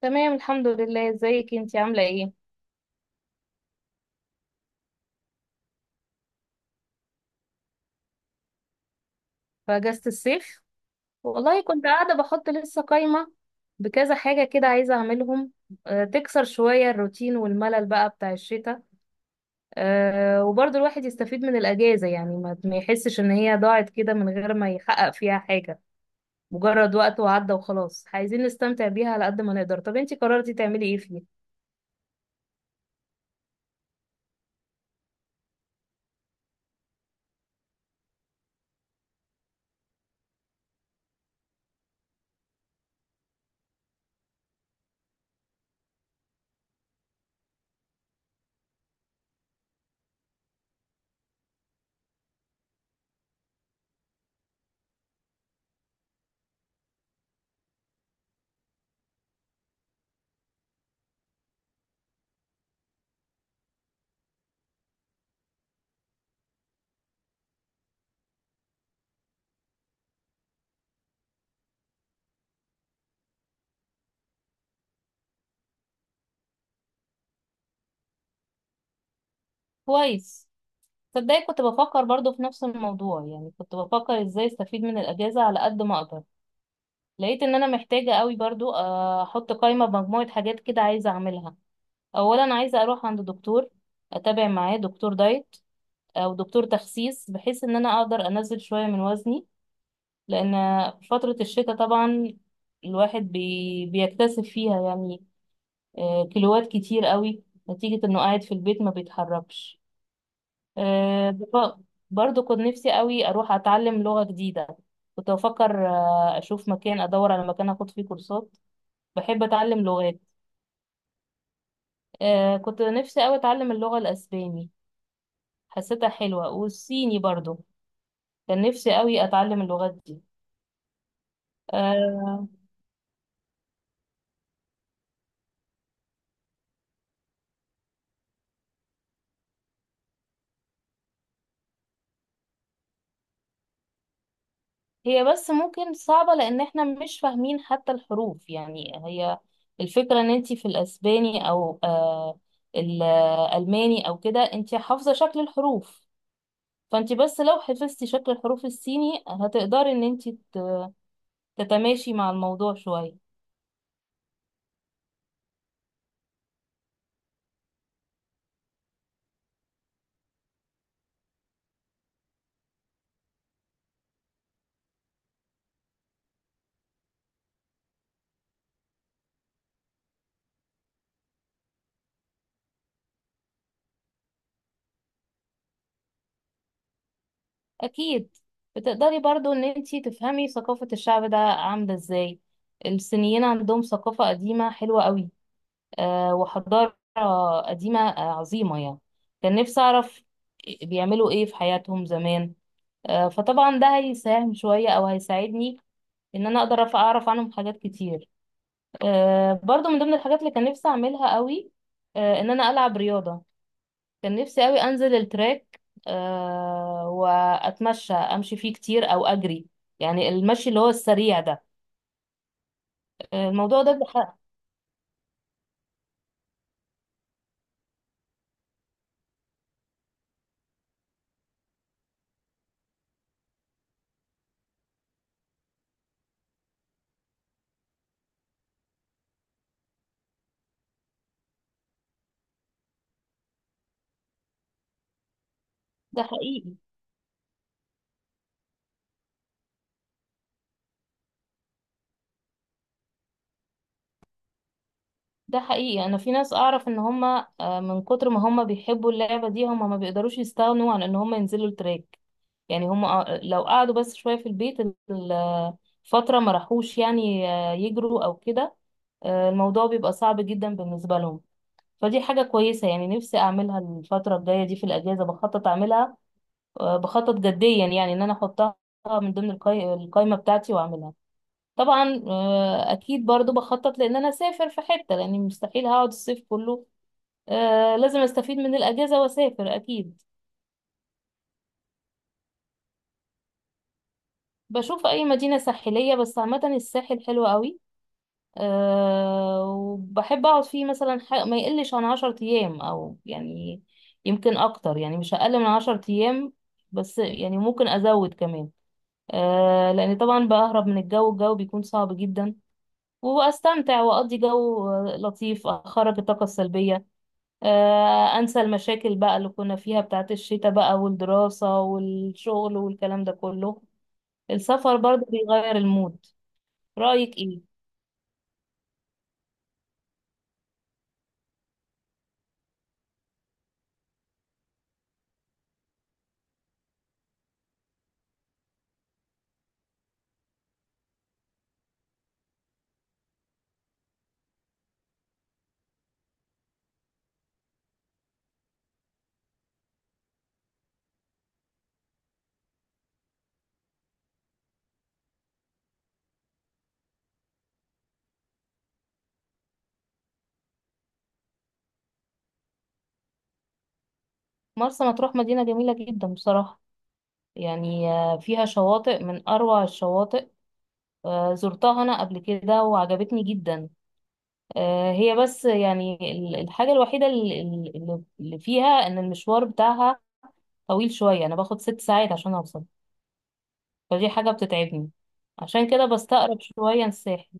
تمام، الحمد لله. ازيك؟ انتي عاملة ايه في اجازة الصيف؟ والله كنت قاعدة بحط لسه قايمة بكذا حاجة كده عايزة اعملهم. تكسر شوية الروتين والملل بقى بتاع الشتاء. وبرضه الواحد يستفيد من الاجازة، يعني ما يحسش ان هي ضاعت كده من غير ما يحقق فيها حاجة، مجرد وقت وعدى وخلاص. عايزين نستمتع بيها على قد ما نقدر. طب انتي قررتي تعملي ايه فيه؟ كويس. تصدقي كنت بفكر برضه في نفس الموضوع، يعني كنت بفكر ازاي استفيد من الاجازة على قد ما اقدر. لقيت ان انا محتاجة قوي برضو احط قائمة بمجموعة حاجات كده عايزة اعملها. اولا عايزة اروح عند دكتور، اتابع معاه دكتور دايت او دكتور تخسيس، بحيث ان انا اقدر انزل شوية من وزني. لان في فترة الشتاء طبعا الواحد بيكتسب فيها، يعني كيلوات كتير قوي نتيجة انه قاعد في البيت ما بيتحركش. آه، بف- برضو كنت نفسي قوي اروح اتعلم لغة جديدة. كنت بفكر اشوف مكان، ادور على مكان اخد فيه كورسات. بحب اتعلم لغات. كنت نفسي قوي اتعلم اللغة الاسباني، حسيتها حلوة، والصيني برضو. كان نفسي قوي اتعلم اللغات دي. آه هي بس ممكن صعبة لان احنا مش فاهمين حتى الحروف، يعني هي الفكرة ان انتي في الاسباني او الالماني او كده انتي حافظة شكل الحروف، فانتي بس لو حفظتي شكل الحروف الصيني هتقدري ان انتي تتماشي مع الموضوع شوية. اكيد. بتقدري برضو ان انتي تفهمي ثقافة الشعب ده عاملة ازاي. الصينيين عندهم ثقافة قديمة حلوة قوي. وحضارة قديمة عظيمة يعني. كان نفسي اعرف بيعملوا ايه في حياتهم زمان. فطبعا ده هيساهم شوية او هيساعدني ان انا اقدر اعرف عنهم حاجات كتير. برضو من ضمن الحاجات اللي كان نفسي اعملها قوي ان انا العب رياضة. كان نفسي قوي انزل التراك واتمشى، امشي فيه كتير او اجري، يعني المشي اللي هو السريع ده. آه، الموضوع ده بح- ده حقيقي ده حقيقي. انا في ناس اعرف ان هم من كتر ما هم بيحبوا اللعبة دي هم ما بيقدروش يستغنوا عن ان هم ينزلوا التراك. يعني هم لو قعدوا بس شوية في البيت ال- فترة ما راحوش، يعني يجروا او كده الموضوع بيبقى صعب جدا بالنسبة لهم. فدي حاجة كويسة، يعني نفسي أعملها الفترة الجاية دي في الأجازة، بخطط أعملها بخطط جديا، يعني ان انا احطها من ضمن القايمة بتاعتي واعملها. طبعا اكيد برضو بخطط لان انا اسافر في حتة لاني مستحيل هقعد الصيف كله. لازم استفيد من الاجازة واسافر اكيد. بشوف اي مدينة ساحلية، بس عامة الساحل حلو قوي. وبحب اقعد فيه مثلا ما يقلش عن 10 ايام، او يعني يمكن اكتر، يعني مش اقل من 10 ايام. بس يعني ممكن ازود كمان. لان طبعا بهرب من الجو، الجو بيكون صعب جدا. واستمتع واقضي جو لطيف، اخرج الطاقه السلبيه، انسى المشاكل بقى اللي كنا فيها بتاعت الشتاء بقى، والدراسه والشغل والكلام ده كله. السفر برضه بيغير المود. رايك ايه؟ مرسى مطروح مدينه جميله جدا بصراحه، يعني فيها شواطئ من اروع الشواطئ. زرتها انا قبل كده وعجبتني جدا. هي بس يعني الحاجه الوحيده اللي فيها ان المشوار بتاعها طويل شويه، انا باخد 6 ساعات عشان اوصل. فدي حاجة بتتعبني، عشان كده بستقرب شوية الساحل.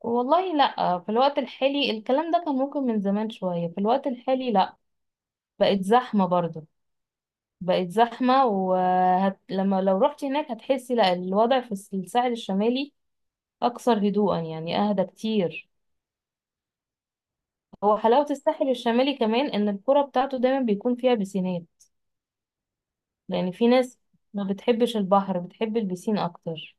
والله لأ، في الوقت الحالي الكلام ده كان ممكن من زمان شوية، في الوقت الحالي لأ. بقت زحمة برضه. بقت زحمة، لما لو رحت هناك هتحسي لأ، الوضع في الساحل الشمالي أكثر هدوءا، يعني أهدى كتير. هو حلاوة الساحل الشمالي كمان إن القرى بتاعته دايما بيكون فيها بسينات، لأن في ناس ما بتحبش البحر، بتحب البسين أكتر.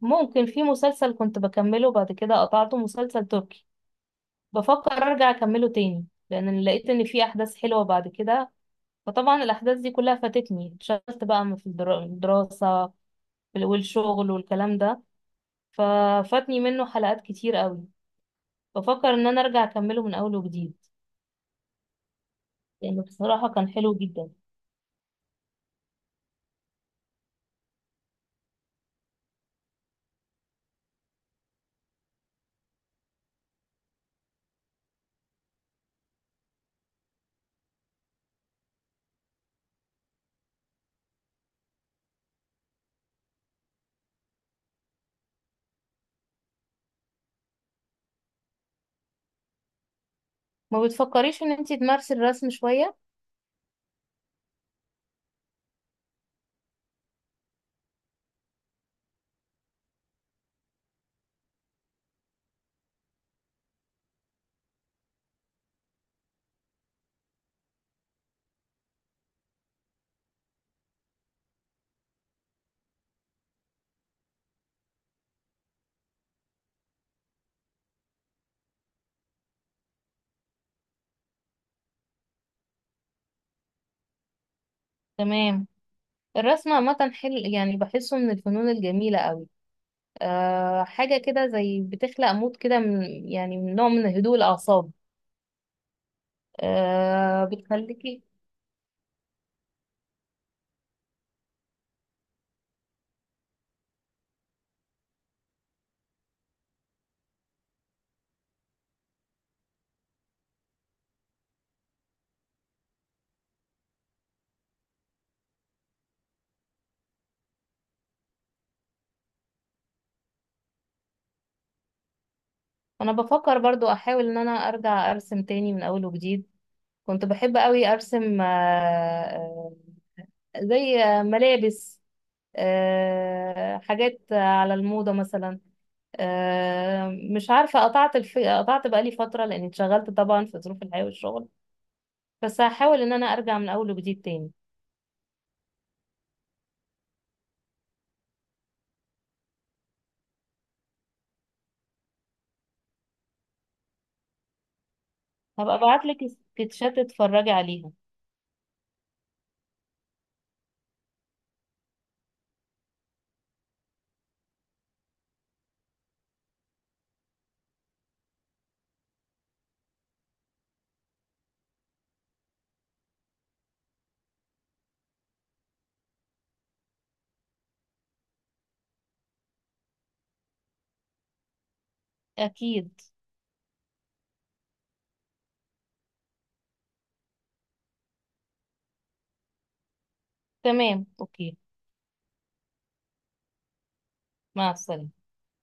ممكن في مسلسل كنت بكمله بعد كده قطعته، مسلسل تركي. بفكر ارجع اكمله تاني لان لقيت ان في احداث حلوه بعد كده، فطبعا الاحداث دي كلها فاتتني، اتشغلت بقى في الدراسه والشغل والكلام ده، ففاتني منه حلقات كتير قوي. بفكر ان انا ارجع اكمله من اول وجديد، لانه بصراحه كان حلو جدا. ما بتفكريش ان انتي تمارسي الرسم شويه؟ تمام. الرسم عامه حلو، يعني بحسه من الفنون الجميله قوي. حاجه كده زي بتخلق مود كده من، يعني من نوع من هدوء الاعصاب. بتخليكي. انا بفكر برضو احاول ان انا ارجع ارسم تاني من اول وجديد. كنت بحب قوي ارسم، آه، زي ملابس، حاجات على الموضة مثلا. آه، مش عارفة، قطعت بقالي فترة لاني اتشغلت طبعا في ظروف الحياة والشغل. بس هحاول ان انا ارجع من اول وجديد تاني. هبقى ابعتلك سكتشات تتفرجي عليها. اكيد. تمام، اوكي. مع السلامة.